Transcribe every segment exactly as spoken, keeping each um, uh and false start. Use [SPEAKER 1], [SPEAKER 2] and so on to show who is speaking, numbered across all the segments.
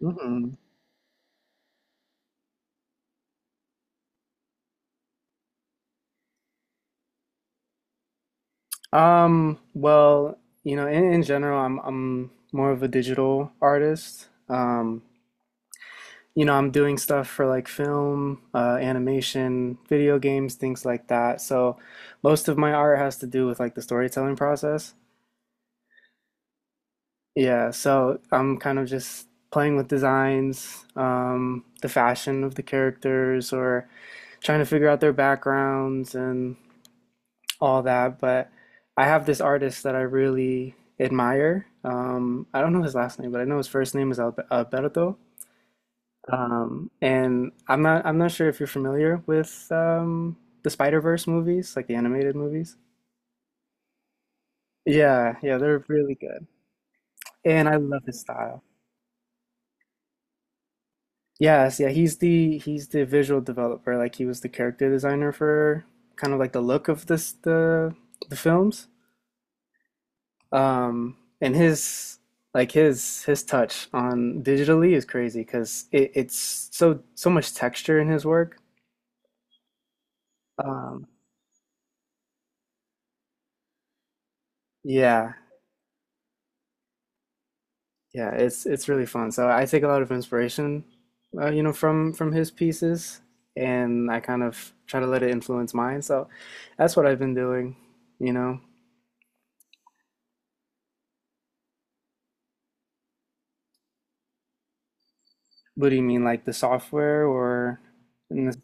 [SPEAKER 1] Hmm. Um, well, you know, in, in general, I'm I'm more of a digital artist. Um, you know, I'm doing stuff for like film, uh, animation, video games, things like that. So most of my art has to do with like the storytelling process. Yeah, so I'm kind of just playing with designs, um, the fashion of the characters, or trying to figure out their backgrounds and all that, but I have this artist that I really admire. Um, I don't know his last name, but I know his first name is Albe- Alberto. Um, and I'm not I'm not sure if you're familiar with um, the Spider-Verse movies, like the animated movies. Yeah, yeah, they're really good. And I love his style. Yes, yeah, he's the he's the visual developer. Like he was the character designer for kind of like the look of this the the films. Um, and his like his his touch on digitally is crazy because it, it's so so much texture in his work. Um, yeah, yeah, it's it's really fun. So I take a lot of inspiration, uh, you know, from from his pieces, and I kind of try to let it influence mine. So that's what I've been doing, you know. What do you mean, like the software or? in the-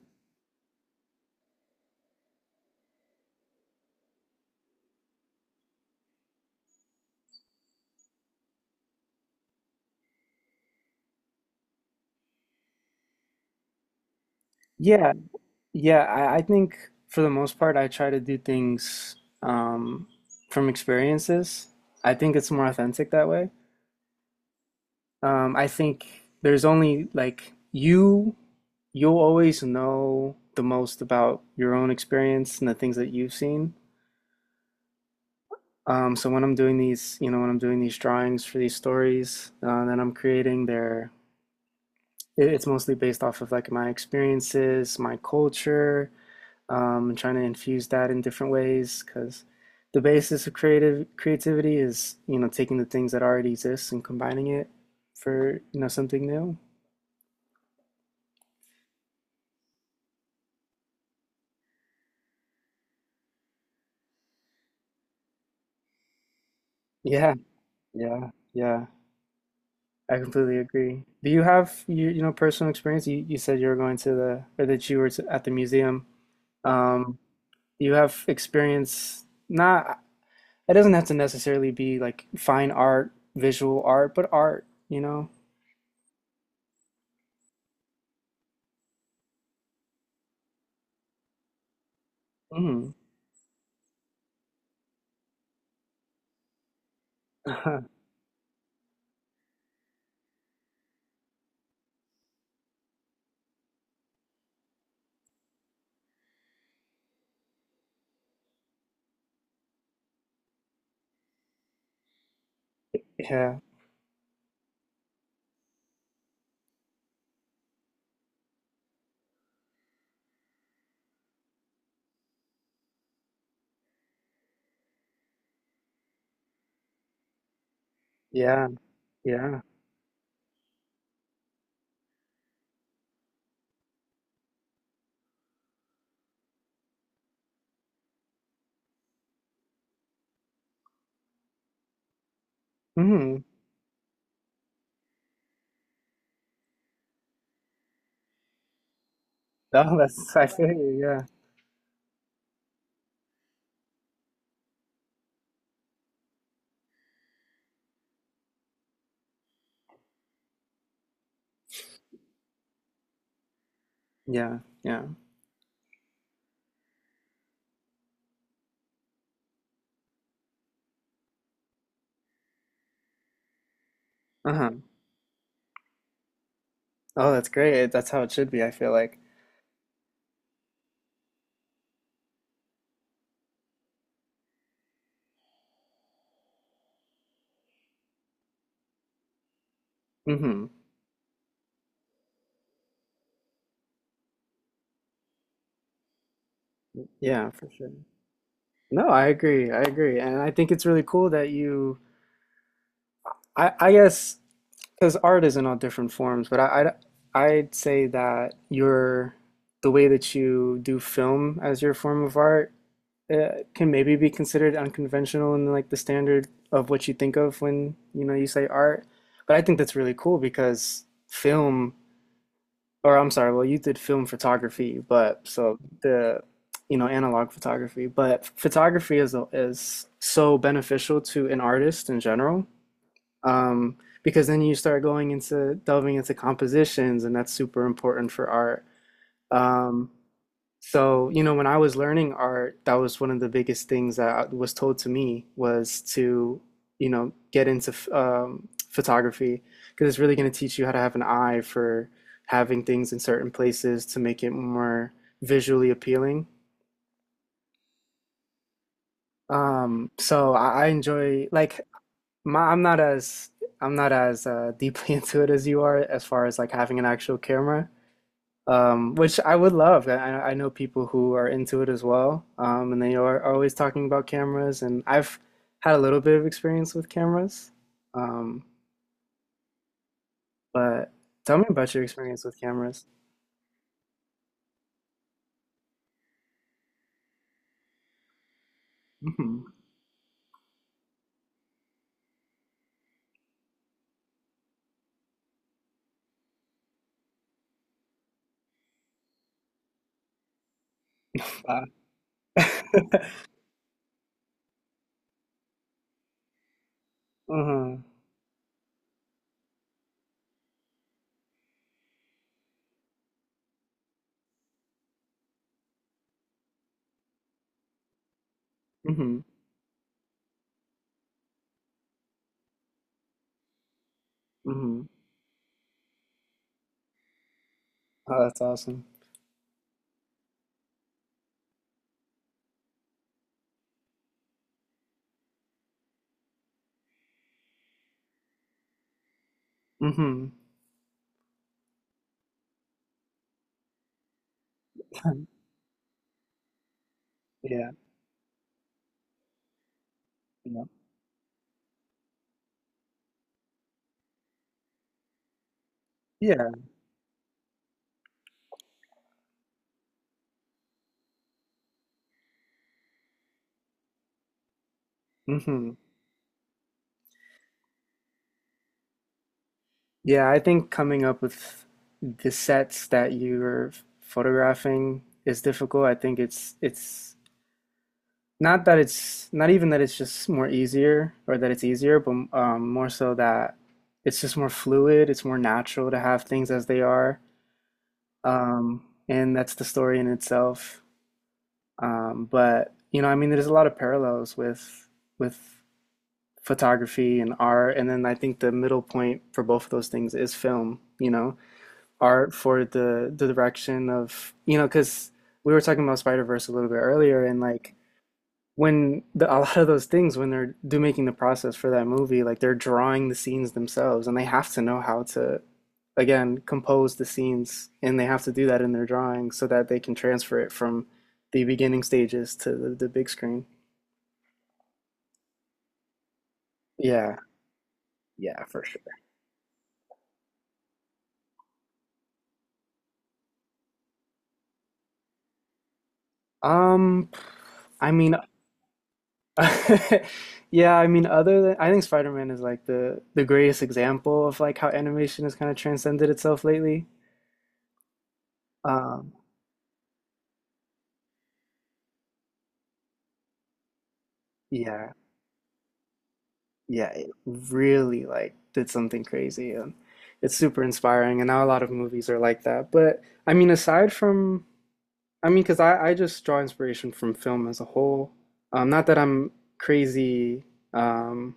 [SPEAKER 1] Yeah, Yeah, I, I think for the most part, I try to do things um, from experiences. I think it's more authentic that way. Um, I think there's only like you, you'll always know the most about your own experience and the things that you've seen. Um, so when I'm doing these, you know, when I'm doing these drawings for these stories uh, that I'm creating, they're it- it's mostly based off of like my experiences, my culture, um, and trying to infuse that in different ways because the basis of creative creativity is you know taking the things that already exist and combining it for you know something new. Yeah, yeah, yeah. I completely agree. Do you have you you know personal experience? You you said you were going to the or that you were to, at the museum. Um, do you have experience? Not. It doesn't have to necessarily be like fine art, visual art, but art. You know. Mm. Yeah. Yeah. Yeah. Mhm. Oh, that's I feel you. Yeah. Yeah. Yeah. Uh-huh. Oh, that's great. That's how it should be, I feel like. Hmm. Yeah, for sure. No, I agree. I agree. And I think it's really cool that you I I guess because art is in all different forms, but I I I'd say that your the way that you do film as your form of art uh, can maybe be considered unconventional in like the standard of what you think of when, you know, you say art. But I think that's really cool because film or I'm sorry, well, you did film photography, but so the, you know, analog photography, but photography is is so beneficial to an artist in general, um, because then you start going into delving into compositions, and that's super important for art. Um, so, you know, when I was learning art, that was one of the biggest things that was told to me was to, you know, get into f- um, photography because it's really going to teach you how to have an eye for having things in certain places to make it more visually appealing. Um, so I, I enjoy like my, I'm not as I'm not as uh, deeply into it as you are as far as like having an actual camera. Um, which I would love. I, I know people who are into it as well, um, and they are, are always talking about cameras. And I've had a little bit of experience with cameras, um, but tell me about your experience with cameras. Hmm. Wow. hmm. Hmm. Hmm. Oh, that's awesome. Hmm. Yeah. Yeah. Yeah. Hmm. Yeah, I think coming up with the sets that you're photographing is difficult. I think it's it's not that it's not even that it's just more easier or that it's easier, but um, more so that it's just more fluid, it's more natural to have things as they are. Um, and that's the story in itself. Um, but you know, I mean, there's a lot of parallels with with photography and art, and then I think the middle point for both of those things is film, you know, art for the the direction of, you know, because we were talking about Spider-Verse a little bit earlier, and like when the, a lot of those things when they're do making the process for that movie like they're drawing the scenes themselves and they have to know how to again compose the scenes and they have to do that in their drawing so that they can transfer it from the beginning stages to the, the big screen. Yeah, yeah, for sure. um i mean yeah, I mean, other than I think Spider-Man is like the the greatest example of like how animation has kind of transcended itself lately. um yeah, yeah, it really like did something crazy and it's super inspiring and now a lot of movies are like that. But I mean aside from I mean, because I I just draw inspiration from film as a whole. Um not that I'm crazy um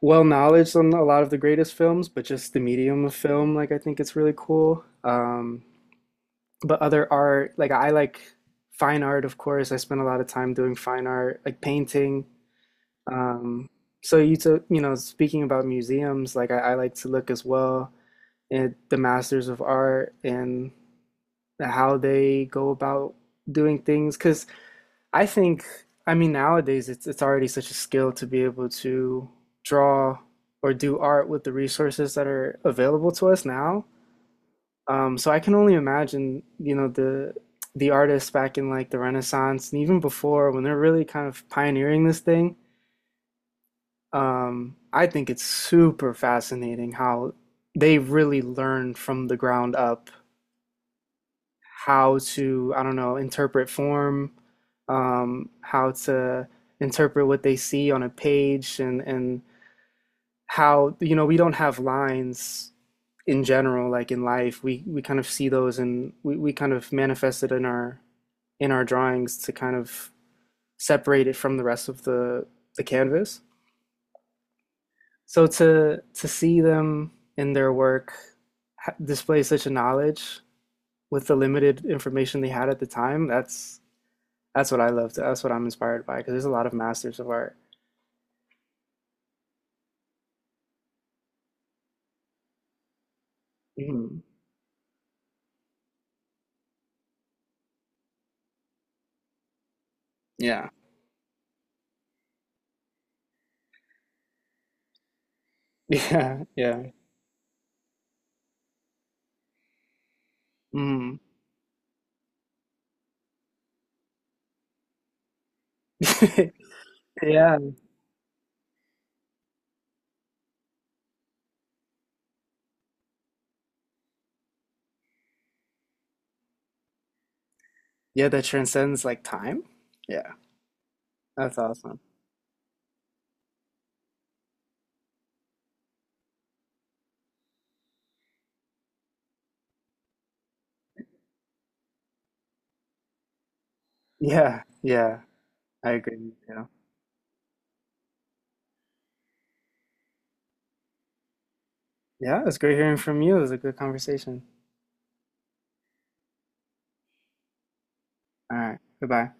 [SPEAKER 1] well knowledge on a lot of the greatest films, but just the medium of film like I think it's really cool. Um but other art like I like fine art of course. I spend a lot of time doing fine art like painting. Um, so you took, you know, speaking about museums, like I, I like to look as well at the masters of art and how they go about doing things. Because I think, I mean, nowadays it's it's already such a skill to be able to draw or do art with the resources that are available to us now. Um, so I can only imagine, you know, the the artists back in like the Renaissance and even before when they're really kind of pioneering this thing. Um, I think it's super fascinating how they really learned from the ground up how to, I don't know, interpret form, um, how to interpret what they see on a page and and how, you know, we don't have lines in general, like in life. We we kind of see those and we, we kind of manifest it in our in our drawings to kind of separate it from the rest of the the canvas. So to to see them in their work display such a knowledge with the limited information they had at the time, that's that's what I love. To, that's what I'm inspired by because there's a lot of masters of art. Mhm. Yeah. Yeah. Yeah. Mm. Yeah. Yeah, that transcends like time. Yeah. That's awesome. Yeah. Yeah. I agree. Yeah. Yeah, it's great hearing from you. It was a good conversation. All right. Goodbye.